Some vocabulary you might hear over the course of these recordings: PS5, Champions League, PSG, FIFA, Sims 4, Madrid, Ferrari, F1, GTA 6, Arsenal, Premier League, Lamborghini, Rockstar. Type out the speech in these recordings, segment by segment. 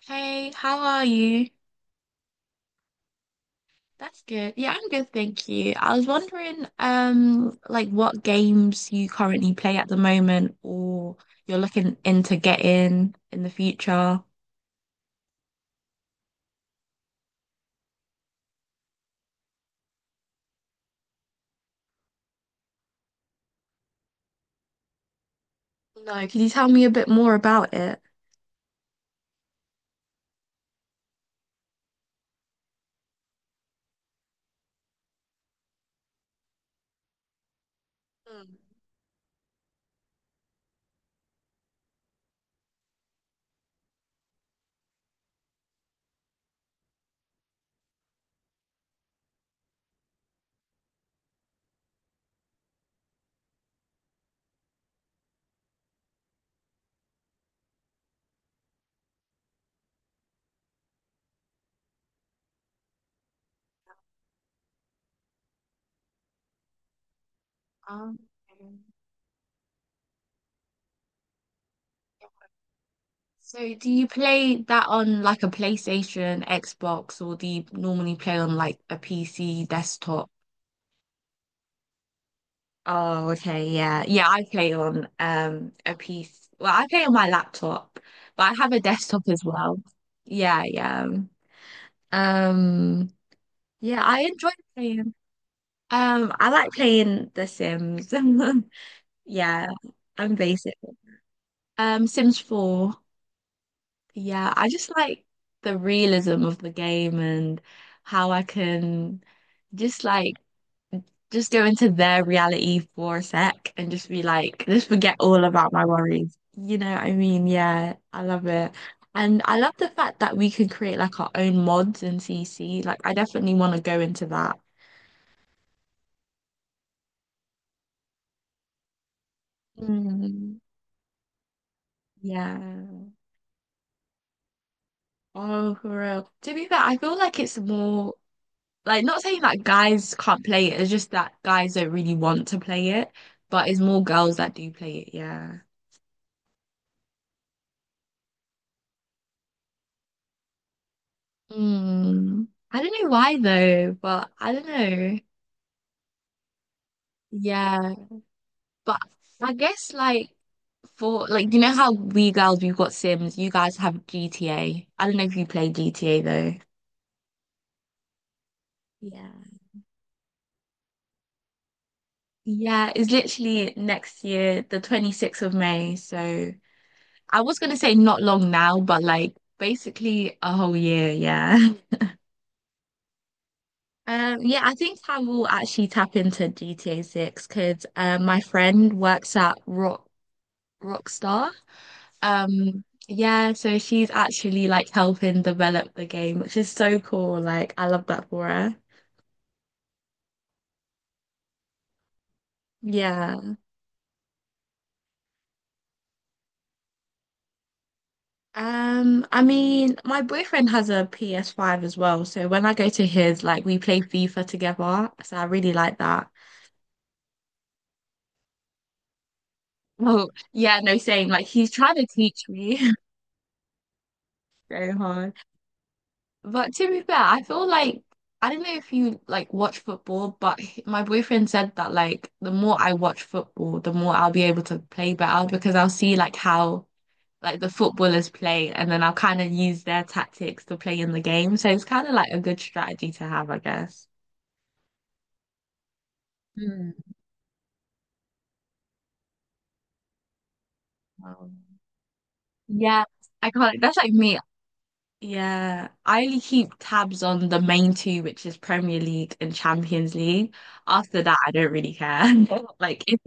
Hey, how are you? That's good. Yeah, I'm good, thank you. I was wondering, like what games you currently play at the moment or you're looking into getting in the future. No, could you tell me a bit more about it? Hmm. Um, so do you play that on like a PlayStation, Xbox, or do you normally play on like a PC desktop? Oh, okay, yeah. Yeah, I play on a piece. Well, I play on my laptop, but I have a desktop as well. Yeah, yeah. Um, yeah, I enjoy playing. I like playing The Sims. Yeah, I'm basic. Sims 4. Yeah, I just like the realism of the game and how I can just like just go into their reality for a sec and just be like, just forget all about my worries. You know what I mean? Yeah, I love it. And I love the fact that we can create like our own mods in CC. Like, I definitely want to go into that. Mm, yeah. Oh, for real. To be fair, I feel like it's more like, not saying that guys can't play it, it's just that guys don't really want to play it, but it's more girls that do play it, yeah. Mm. I don't know why though, but I don't know. Yeah, but I guess like, for like, you know how we girls, we've got Sims, you guys have GTA. I don't know if you play GTA though. Yeah. Yeah, it's literally next year, the 26th of May. So I was gonna say not long now, but like basically a whole year, yeah. Yeah, I think I will actually tap into GTA 6 because my friend works at Rockstar. Yeah, so she's actually like helping develop the game, which is so cool. Like, I love that for her. Yeah. I mean, my boyfriend has a PS5 as well, so when I go to his, like, we play FIFA together. So I really like that. Oh, yeah, no, same. Like, he's trying to teach me so hard. But to be fair, I feel like I don't know if you like watch football, but my boyfriend said that like the more I watch football, the more I'll be able to play better because I'll see like how like the footballers play and then I'll kind of use their tactics to play in the game. So it's kind of like a good strategy to have, I guess. Hmm. Um, yeah, I can't. That's like me. Yeah, I only keep tabs on the main two, which is Premier League and Champions League. After that, I don't really care. Like, if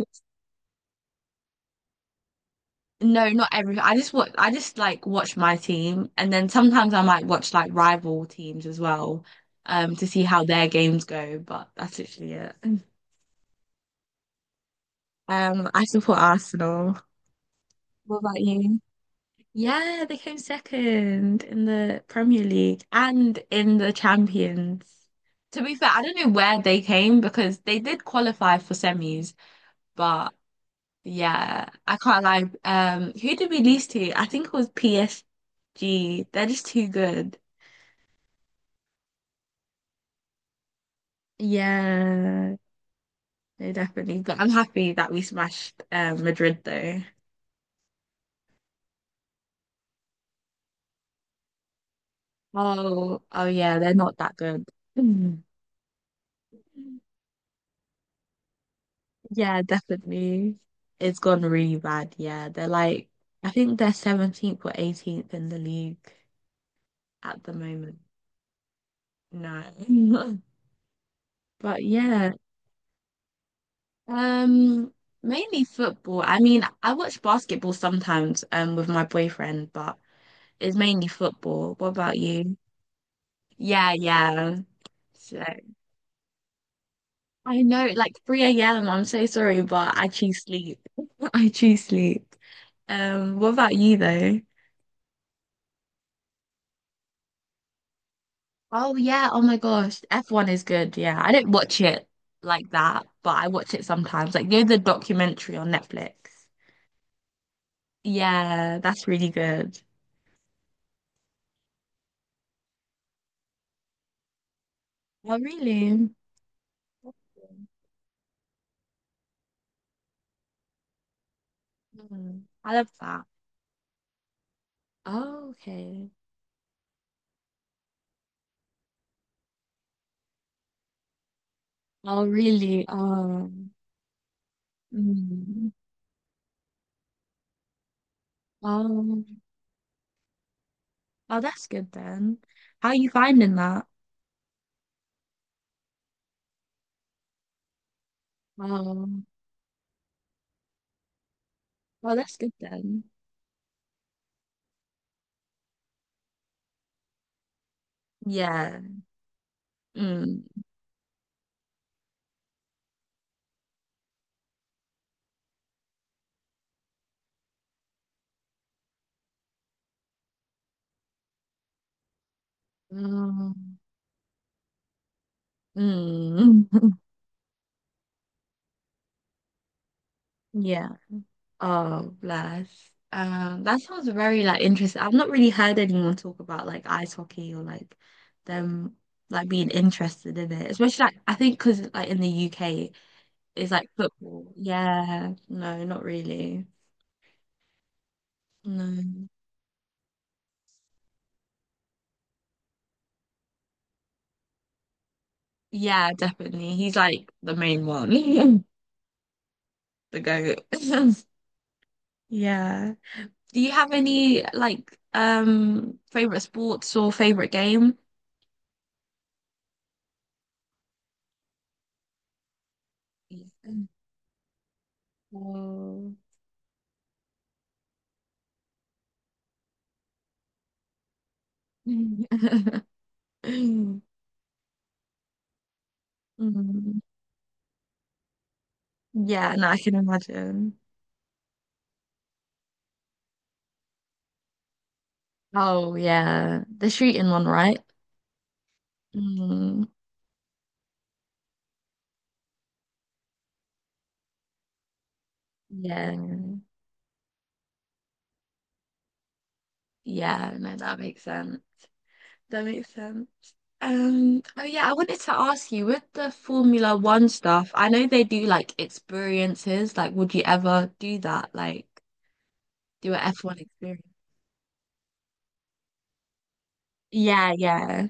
no, not everything. I just watch. I just like watch my team, and then sometimes I might watch like rival teams as well, to see how their games go. But that's literally it. I support Arsenal. What about you? Yeah, they came second in the Premier League and in the Champions. To be fair, I don't know where they came because they did qualify for semis, but yeah, I can't lie. Who did we lose to? I think it was PSG. They're just too good. Yeah, they definitely. But I'm happy that we smashed Madrid though. Oh, oh yeah, they're not that good. Mm. Yeah, definitely. It's gone really bad. Yeah, they're like, I think they're 17th or 18th in the league at the moment. No. But yeah. Um, mainly football. I mean, I watch basketball sometimes, with my boyfriend, but it's mainly football. What about you? Yeah, yeah. So I know, like, 3 a.m. I'm so sorry, but I choose sleep. I choose sleep. What about you though? Oh yeah, oh my gosh. F1 is good, yeah. I don't watch it like that, but I watch it sometimes. Like, you know the documentary on Netflix. Yeah, that's really good. Oh, really? Mm, I love that. Oh, okay. Oh, really? Mm, um, oh, that's good then. How are you finding that? Um, oh, that's good then. Yeah. Mm, mm, mm. Yeah. Oh, bless. That sounds very like interesting. I've not really heard anyone talk about like ice hockey or like them like being interested in it, especially like I think because like in the UK. Is like football. Yeah, no, not really. No. Yeah, definitely. He's like the main one, the goat. Yeah. Do you have any like favorite sports or favorite game? Yeah. Oh. Mm. Yeah, no, I can imagine. Oh yeah, the shooting one, right? Mm. Yeah. Yeah, no, that makes sense. That makes sense. Oh yeah, I wanted to ask you with the Formula One stuff, I know they do like experiences. Like, would you ever do that? Like, do an F1 experience? Yeah, yeah.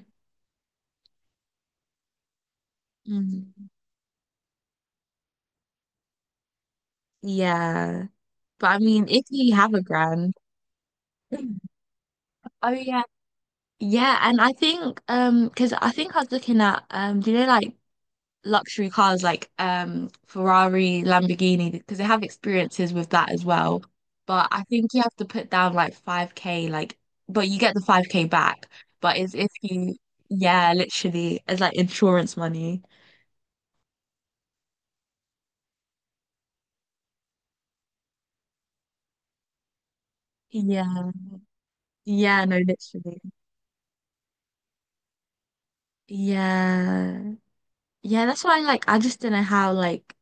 Mm. Yeah. But I mean, if you have a grand. Oh yeah. Yeah, and I think because I think I was looking at do you know like luxury cars like Ferrari, Lamborghini, because they have experiences with that as well. But I think you have to put down like 5K, like, but you get the 5K back. But it's if you, yeah, literally, it's like insurance money. Yeah. Yeah, no, literally. Yeah. Yeah, that's why like I just don't know how like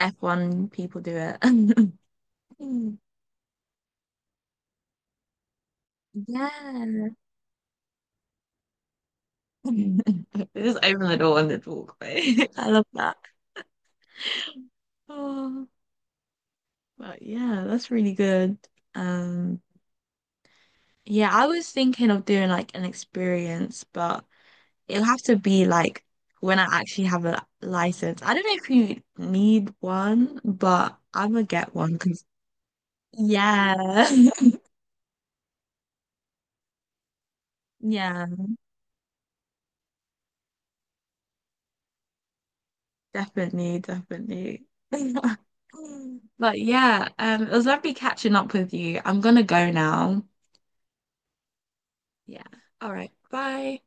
F1 people do it. Yeah. Just open the door and then walk away. I love that. Oh. But yeah, that's really good. Um, yeah, I was thinking of doing like an experience, but it'll have to be like when I actually have a license. I don't know if you need one, but I'm gonna get one because yeah, yeah, definitely, definitely. But yeah, it was lovely catching up with you. I'm gonna go now. Yeah. All right. Bye.